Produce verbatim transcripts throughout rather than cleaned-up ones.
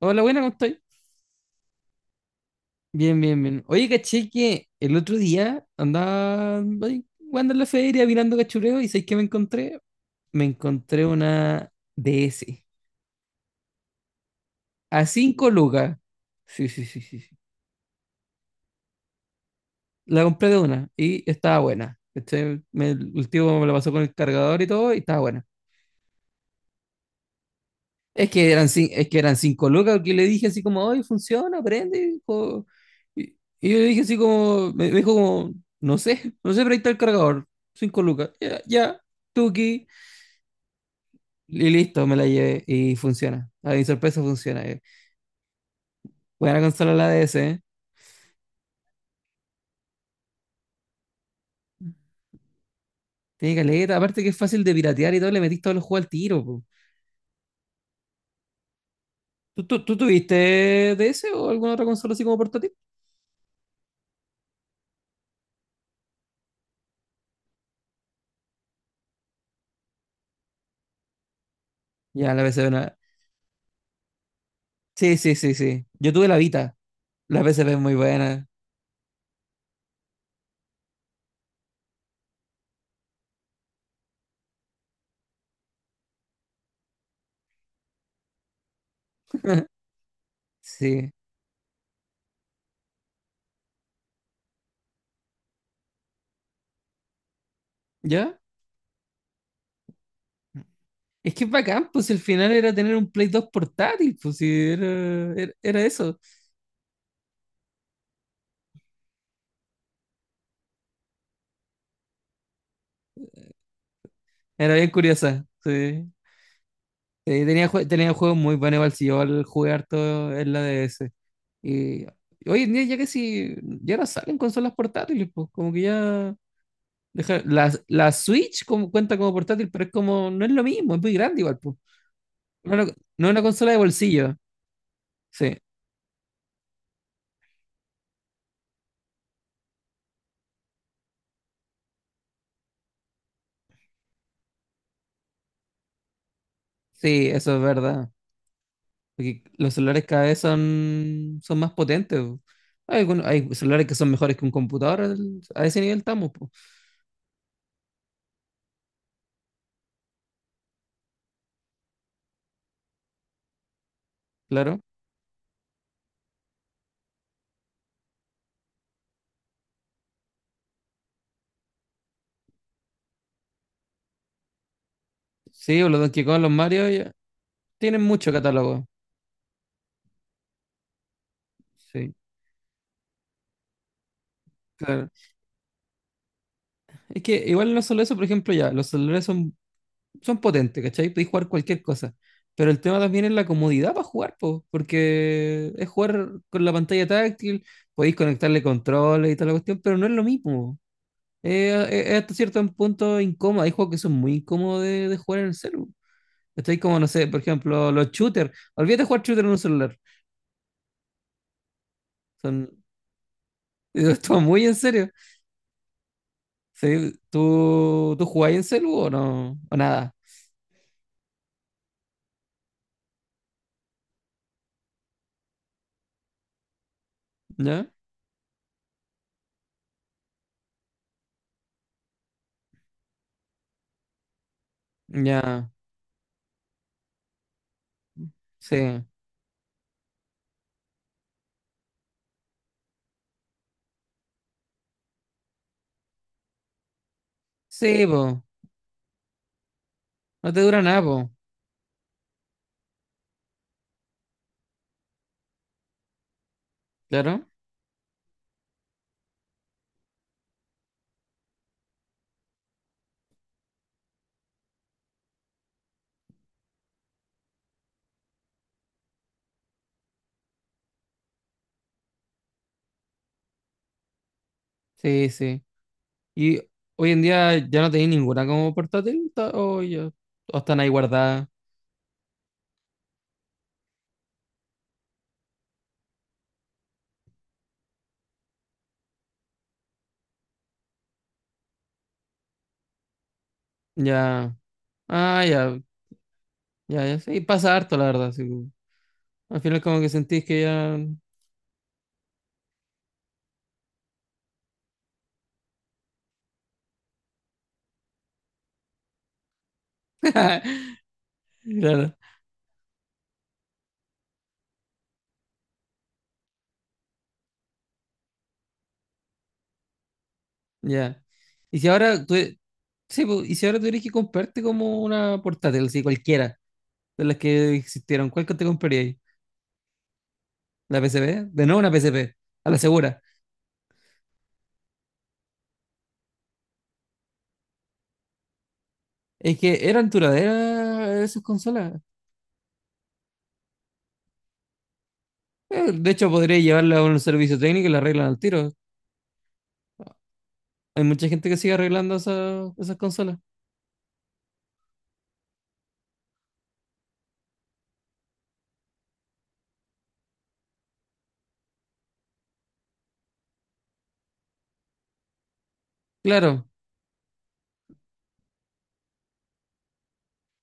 Hola, buena, ¿cómo estáis? Bien, bien, bien. Oye, caché que el otro día andaba ahí jugando en la feria, mirando cachureo, y ¿sabéis qué me encontré? Me encontré una D S a cinco lucas. Sí, sí, sí, sí, sí. La compré de una y estaba buena. Este, me- el tío me la pasó con el cargador y todo, y estaba buena. Es que eran, cin- es que eran cinco lucas que le dije así como, hoy funciona, aprende. co- Y, y yo le dije así como, me me dijo como, no sé, no sé, pero ahí está el cargador. Cinco lucas. Ya, ya, tuki. Y listo, me la llevé y funciona. A mi sorpresa funciona. eh. Buena consola la D S, ¿eh? Tiene caleta. Aparte que es fácil de piratear y todo, le metís todos los juegos al tiro, po. ¿Tú, tú, tú tuviste D S o alguna otra consola así como portátil? Ya, la P S P, no. Sí, sí, sí, sí. Yo tuve la Vita. La P S P es muy buena. Sí. ¿Ya? Es que es bacán, pues el final era tener un Play dos portátil, pues sí, era, era, era eso. Era bien curiosa, sí. Sí, tenía, jue- tenía juegos muy buenos, igual si yo al jugar todo en la D S. Y hoy en día ya que si ya no salen consolas portátiles, pues como que ya. Deja- la, la Switch como, cuenta como portátil, pero es como, no es lo mismo, es muy grande igual, pues. No, es una- no es una consola de bolsillo. Sí, sí, eso es verdad. Porque los celulares cada vez son, son más potentes, po. Hay, algunos- hay celulares que son mejores que un computador. al- A ese nivel estamos, po. Claro. Sí, o los Donkey Kong, los Mario, ya, tienen mucho catálogo. Sí, claro. Es que igual no solo eso, por ejemplo, ya, los celulares son, son potentes, ¿cachai? Podéis jugar cualquier cosa. Pero el tema también es la comodidad para jugar, po, porque es jugar con la pantalla táctil, podéis conectarle controles y toda la cuestión, pero no es lo mismo. Eh, eh, Hasta cierto punto incómodo. Hay juegos que son muy incómodos de, de jugar en el celular. Estoy como, no sé, por ejemplo, los shooters. Olvídate de jugar shooter en un celular. Son, Esto muy en serio. Sí, ¿Tú, tú jugáis en celu o no? O nada. ¿Ya? Ya. Sí. Sí, po. No te dura nada, po. Claro. Sí, sí. Y hoy en día ya no tenéis ninguna como portátil. ta- O, ya, o están ahí guardadas. Ya. Ah, ya. Ya, ya. Sí, pasa harto, la verdad, sí. Al final como que sentís que ya. Claro, ya. Y si ahora tú. Sí, po, y si ahora tuvieras que comprarte como una portátil, así cualquiera de las que existieron, ¿cuál que te comprarías? ¿La P S P? De nuevo una P S P, a la segura. Es que eran duraderas esas consolas. Eh, De hecho, podría llevarla a un servicio técnico y la arreglan al tiro. Hay mucha gente que sigue arreglando esas, esas consolas. Claro,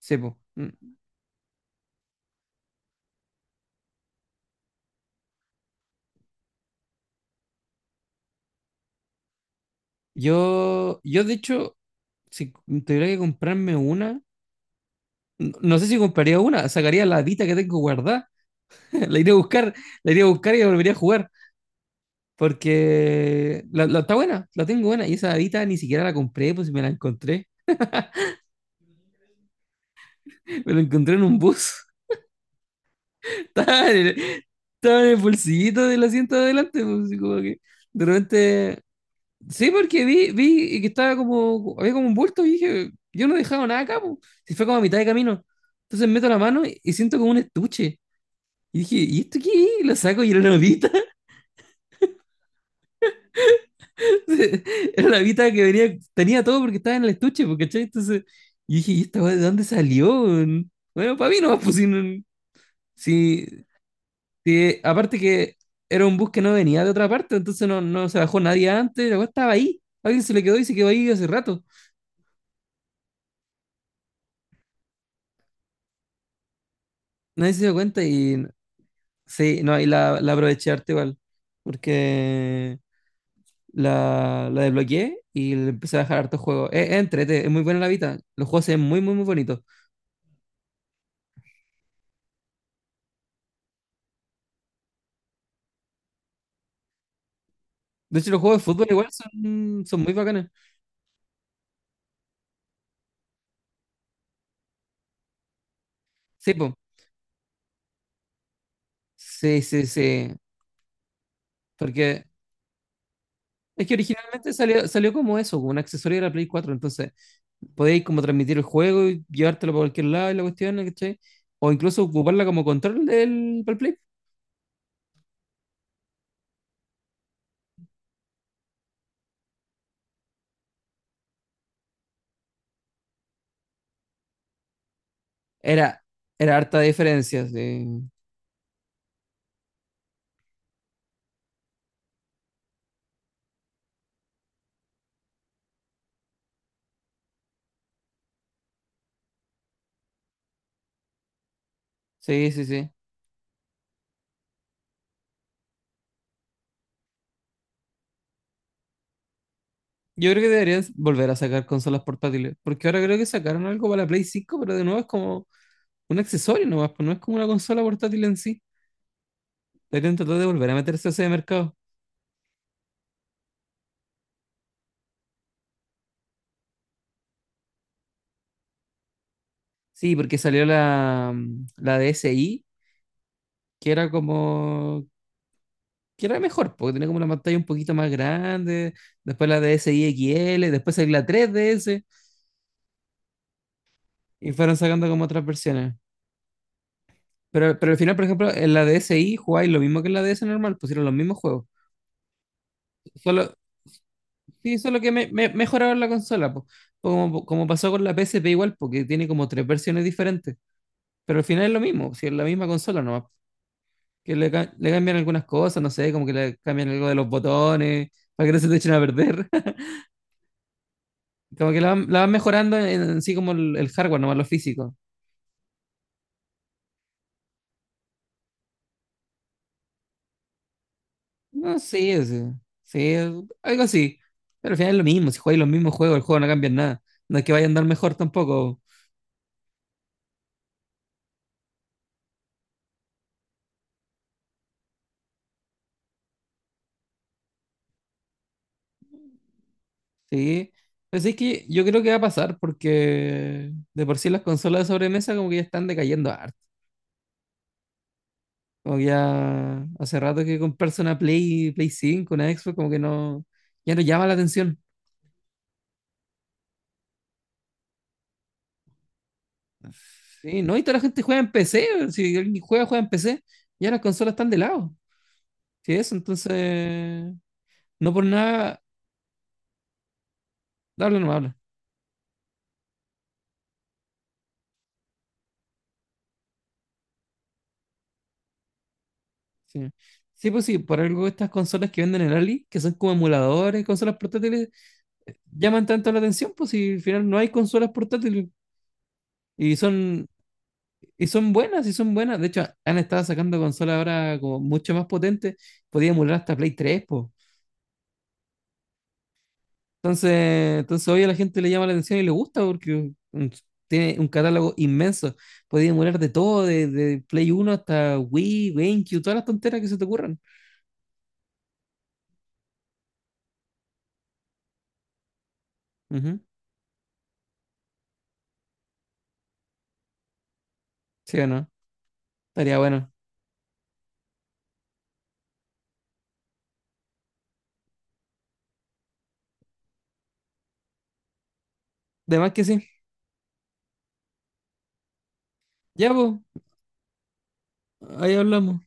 sí, po. Mm. Yo, yo de hecho, si tuviera que comprarme una, No no sé si compraría una, sacaría la Vita que tengo guardada, la iría a buscar, la iría a buscar y la volvería a jugar, porque la, la- está buena, la tengo buena, y esa Vita ni siquiera la compré, pues si me la encontré, me la encontré en un bus, estaba en el, estaba en el bolsillito del asiento de adelante, pues, y como que de repente, sí, porque vi, vi que estaba como, había como un bulto y dije, yo no he dejado nada acá, pues, si fue como a mitad de camino, entonces meto la mano y, y siento como un estuche, y dije, ¿y esto qué es? Y lo saco y era una Vita. Era la Vita que venía, tenía todo porque estaba en el estuche, porque ¿cachai? Entonces, yo dije, ¿y esta weá de dónde salió? Bueno, para mí no, pues si, no- si, si- aparte que era un bus que no venía de otra parte, entonces no, no se bajó nadie antes, la weá estaba ahí. Alguien se le quedó y se quedó ahí hace rato. Nadie se dio cuenta y sí, no, y la, la aproveché harto igual, porque la, la desbloqueé y le empecé a dejar hartos juegos. Es, es entrete, es muy buena la Vita, los juegos se ven muy, muy, muy bonitos. De hecho, los juegos de fútbol igual son, son muy bacanas. Sí, po. Sí, sí, sí. Porque es que originalmente salió, salió como eso, como un accesorio de la Play cuatro. Entonces, podéis como transmitir el juego y llevártelo para cualquier lado y la cuestión, ¿cachai? O incluso ocuparla como control del para el Play. Era, era harta diferencia, sí. Sí, sí, sí. Yo creo que deberían volver a sacar consolas portátiles. Porque ahora creo que sacaron algo para la Play cinco, pero de nuevo es como un accesorio nomás, pues no es como una consola portátil en sí. Deberían tratar de volver a meterse a ese mercado. Sí, porque salió la, mm, la DSi, que era como, que era mejor, porque tenía como una pantalla un poquito más grande, después la DSi X L, después salió la tres D S, y fueron sacando como otras versiones. Pero, pero al final, por ejemplo, en la DSi jugáis lo mismo que en la D S normal, pusieron los mismos juegos. Solo, sí, solo que me, me- mejoraron la consola, po. Como, como pasó con la P S P igual, porque tiene como tres versiones diferentes, pero al final es lo mismo, si es la misma consola nomás. Que le, ca- le cambian algunas cosas, no sé, como que le cambian algo de los botones, para que no se te echen a perder. Como que la van, la van mejorando en, en sí como el, el hardware, nomás lo físico. No, sé, sí, sí, algo así. Pero al final es lo mismo, si juegas los mismos juegos, el juego no cambia en nada. No es que vaya a andar mejor tampoco. Sí. Pues es que yo creo que va a pasar porque de por sí las consolas de sobremesa como que ya están decayendo harto. Como que ya hace rato que comprarse una Play, Play cinco, una Xbox, como que no, ya no llama la atención. Sí, no, y toda la gente juega en P C. Si alguien juega, juega en P C. Ya las consolas están de lado. Sí, eso, entonces. No por nada. Habla, no habla. Sí. Sí, pues sí, por algo estas consolas que venden en Ali, que son como emuladores, consolas portátiles, llaman tanto la atención, pues si al final no hay consolas portátiles. Y son, y son buenas, y son buenas. De hecho, han estado sacando consolas ahora como mucho más potentes. Podía emular hasta Play tres, pues. Entonces, entonces hoy a la gente le llama la atención y le gusta porque mm, tiene un catálogo inmenso. Podéis emular de todo, de, de Play uno hasta Wii, GameCube, todas las tonteras que se te ocurran. Ujú. ¿Sí o no? Estaría bueno. De más que sí. Ya, pues, ahí hablamos.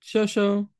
Chao, chao.